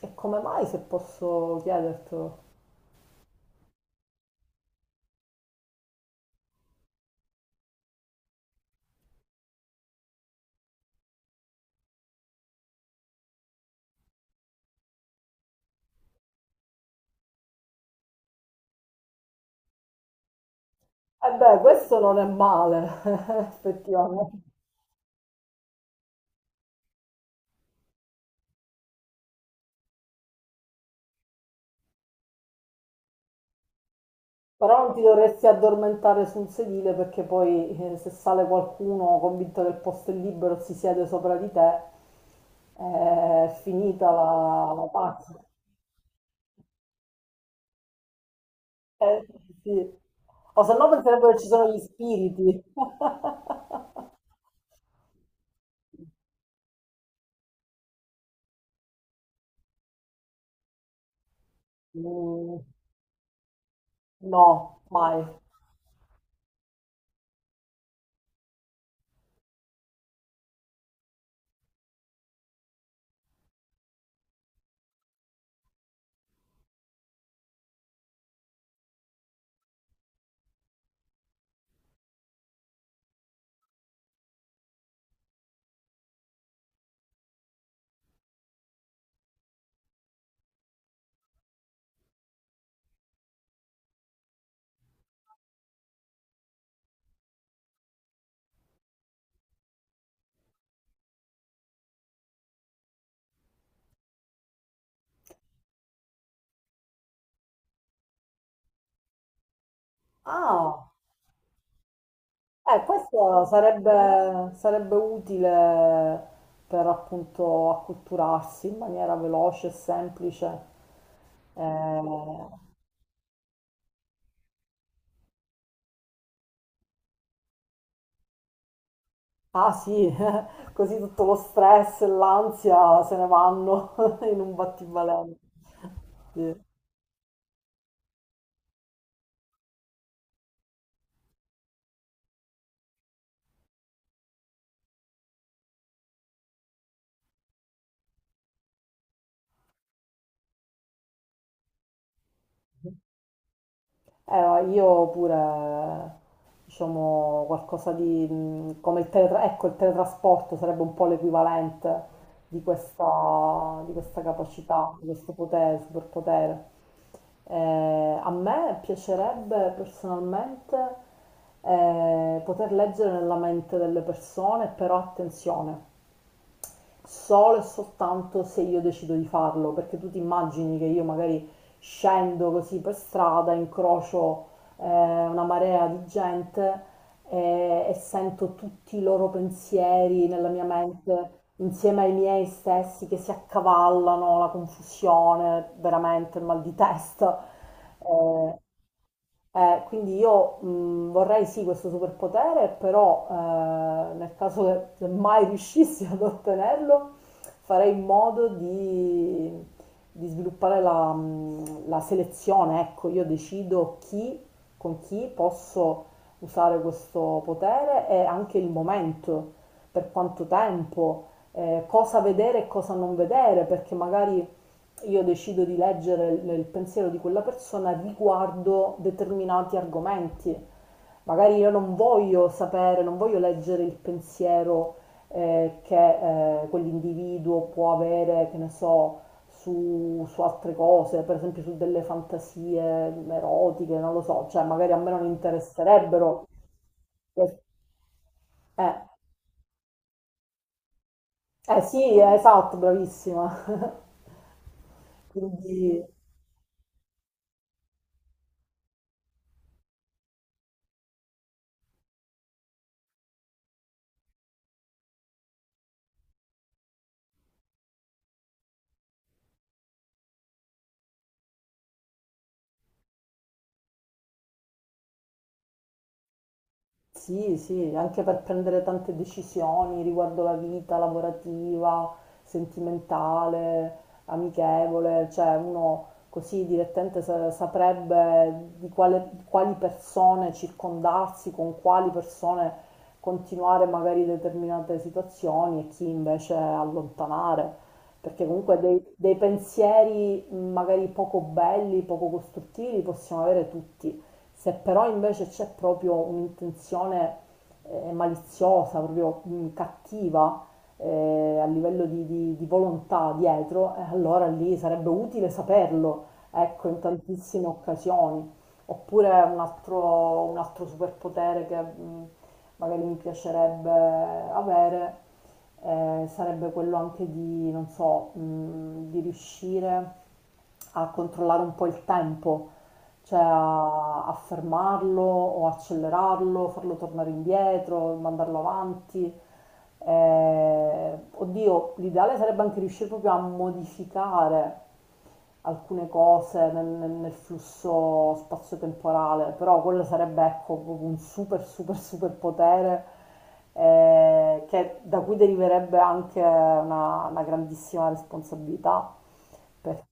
E come mai, se posso chiedertelo? Eh beh, questo non è male, effettivamente. Però non ti dovresti addormentare su un sedile perché poi se sale qualcuno convinto che il posto è libero si siede sopra di te, è finita la pazza. Eh, sì. O se no penserebbero che ci sono gli spiriti. Mm, no, mai. Ah, eh, questo sarebbe utile per appunto acculturarsi in maniera veloce e semplice. Eh, ah sì, così tutto lo stress e l'ansia se ne vanno in un battibaleno. Sì. Io pure, diciamo, qualcosa di come il ecco, il teletrasporto sarebbe un po' l'equivalente di questa capacità, di questo potere, superpotere. A me piacerebbe personalmente poter leggere nella mente delle persone, però attenzione solo e soltanto se io decido di farlo, perché tu ti immagini che io magari scendo così per strada, incrocio eh, una marea di gente e sento tutti i loro pensieri nella mia mente insieme ai miei stessi che si accavallano, la confusione, veramente il mal di testa. Eh, quindi io vorrei sì questo superpotere, però nel caso che se mai riuscissi ad ottenerlo, farei in modo di sviluppare la, la selezione. Ecco, io decido chi, con chi posso usare questo potere e anche il momento, per quanto tempo, cosa vedere e cosa non vedere, perché magari io decido di leggere il pensiero di quella persona riguardo determinati argomenti. Magari io non voglio sapere, non voglio leggere il pensiero che quell'individuo può avere, che ne so, su altre cose, per esempio su delle fantasie erotiche, non lo so, cioè magari a me non interesserebbero. Eh, eh sì, esatto, bravissima. Quindi... Sì, sì, anche per prendere tante decisioni riguardo la vita lavorativa, sentimentale, amichevole, cioè uno così direttamente saprebbe di di quali persone circondarsi, con quali persone continuare magari determinate situazioni e chi invece allontanare, perché comunque dei pensieri magari poco belli, poco costruttivi li possiamo avere tutti. Se però invece c'è proprio un'intenzione maliziosa, proprio cattiva a livello di, di volontà dietro, allora lì sarebbe utile saperlo, ecco, in tantissime occasioni. Oppure un altro superpotere che magari mi piacerebbe avere sarebbe quello anche di, non so, di riuscire a controllare un po' il tempo cioè a fermarlo o accelerarlo, farlo tornare indietro, mandarlo avanti. Oddio, l'ideale sarebbe anche riuscire proprio a modificare alcune cose nel flusso spazio-temporale, però quello sarebbe ecco proprio un super super super potere che, da cui deriverebbe anche una grandissima responsabilità, perché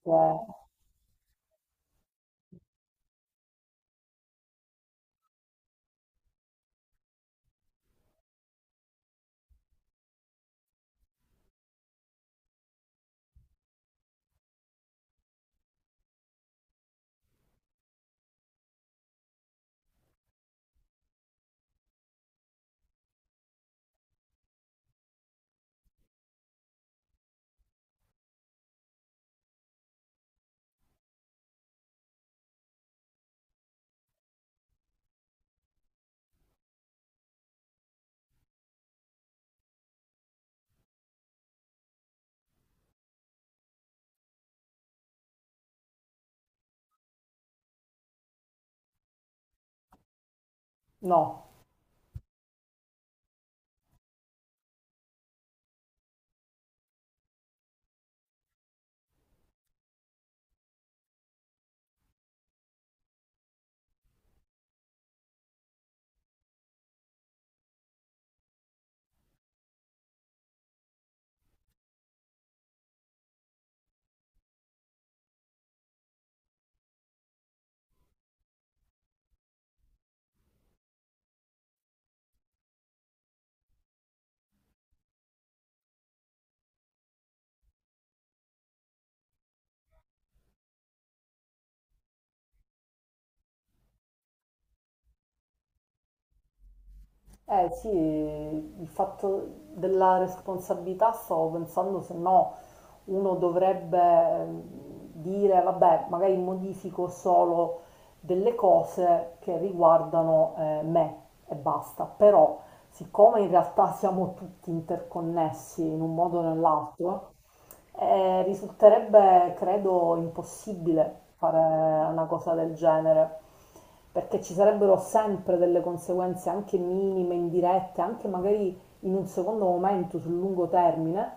no. Eh sì, il fatto della responsabilità stavo pensando se no uno dovrebbe dire vabbè, magari modifico solo delle cose che riguardano me e basta, però siccome in realtà siamo tutti interconnessi in un modo o nell'altro, risulterebbe, credo, impossibile fare una cosa del genere, perché ci sarebbero sempre delle conseguenze anche minime, indirette, anche magari in un secondo momento, sul lungo termine,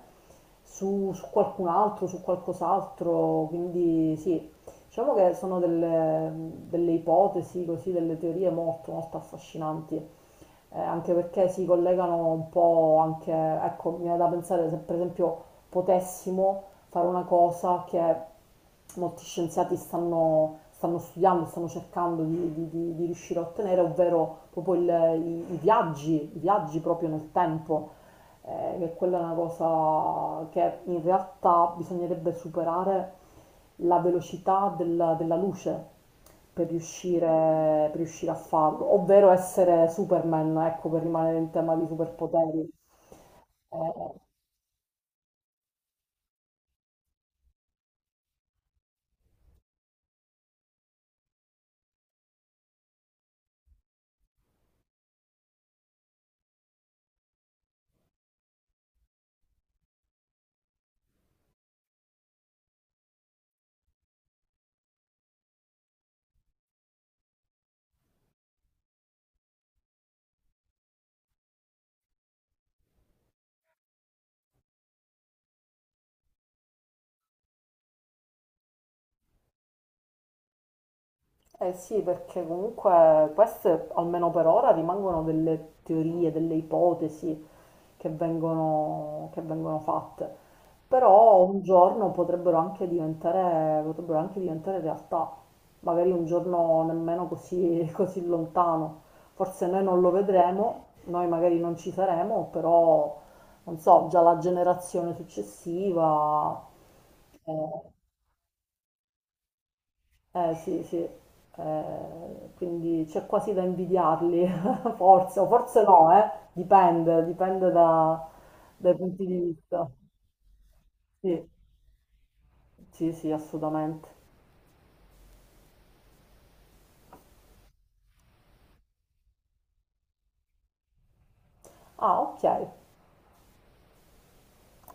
su, su qualcun altro, su qualcos'altro, quindi sì, diciamo che sono delle, delle ipotesi, così, delle teorie molto, molto affascinanti anche perché si collegano un po' anche, ecco, mi viene da pensare se per esempio potessimo fare una cosa che molti scienziati stanno, stanno studiando, stanno cercando di, di riuscire a ottenere, ovvero proprio i, i viaggi proprio nel tempo che quella è una cosa che in realtà bisognerebbe superare la velocità della luce per riuscire, per riuscire a farlo, ovvero essere Superman, ecco, per rimanere in tema di superpoteri. Eh, Eh sì, perché comunque queste, almeno per ora, rimangono delle teorie, delle ipotesi che vengono fatte. Però un giorno potrebbero anche diventare realtà, magari un giorno nemmeno così, così lontano. Forse noi non lo vedremo, noi magari non ci saremo, però non so, già la generazione successiva... eh, eh sì, sì, eh, quindi c'è quasi da invidiarli, forse, o forse no, eh. Dipende, dipende dai punti di vista. Sì, sì, sì, assolutamente. Ah, ok.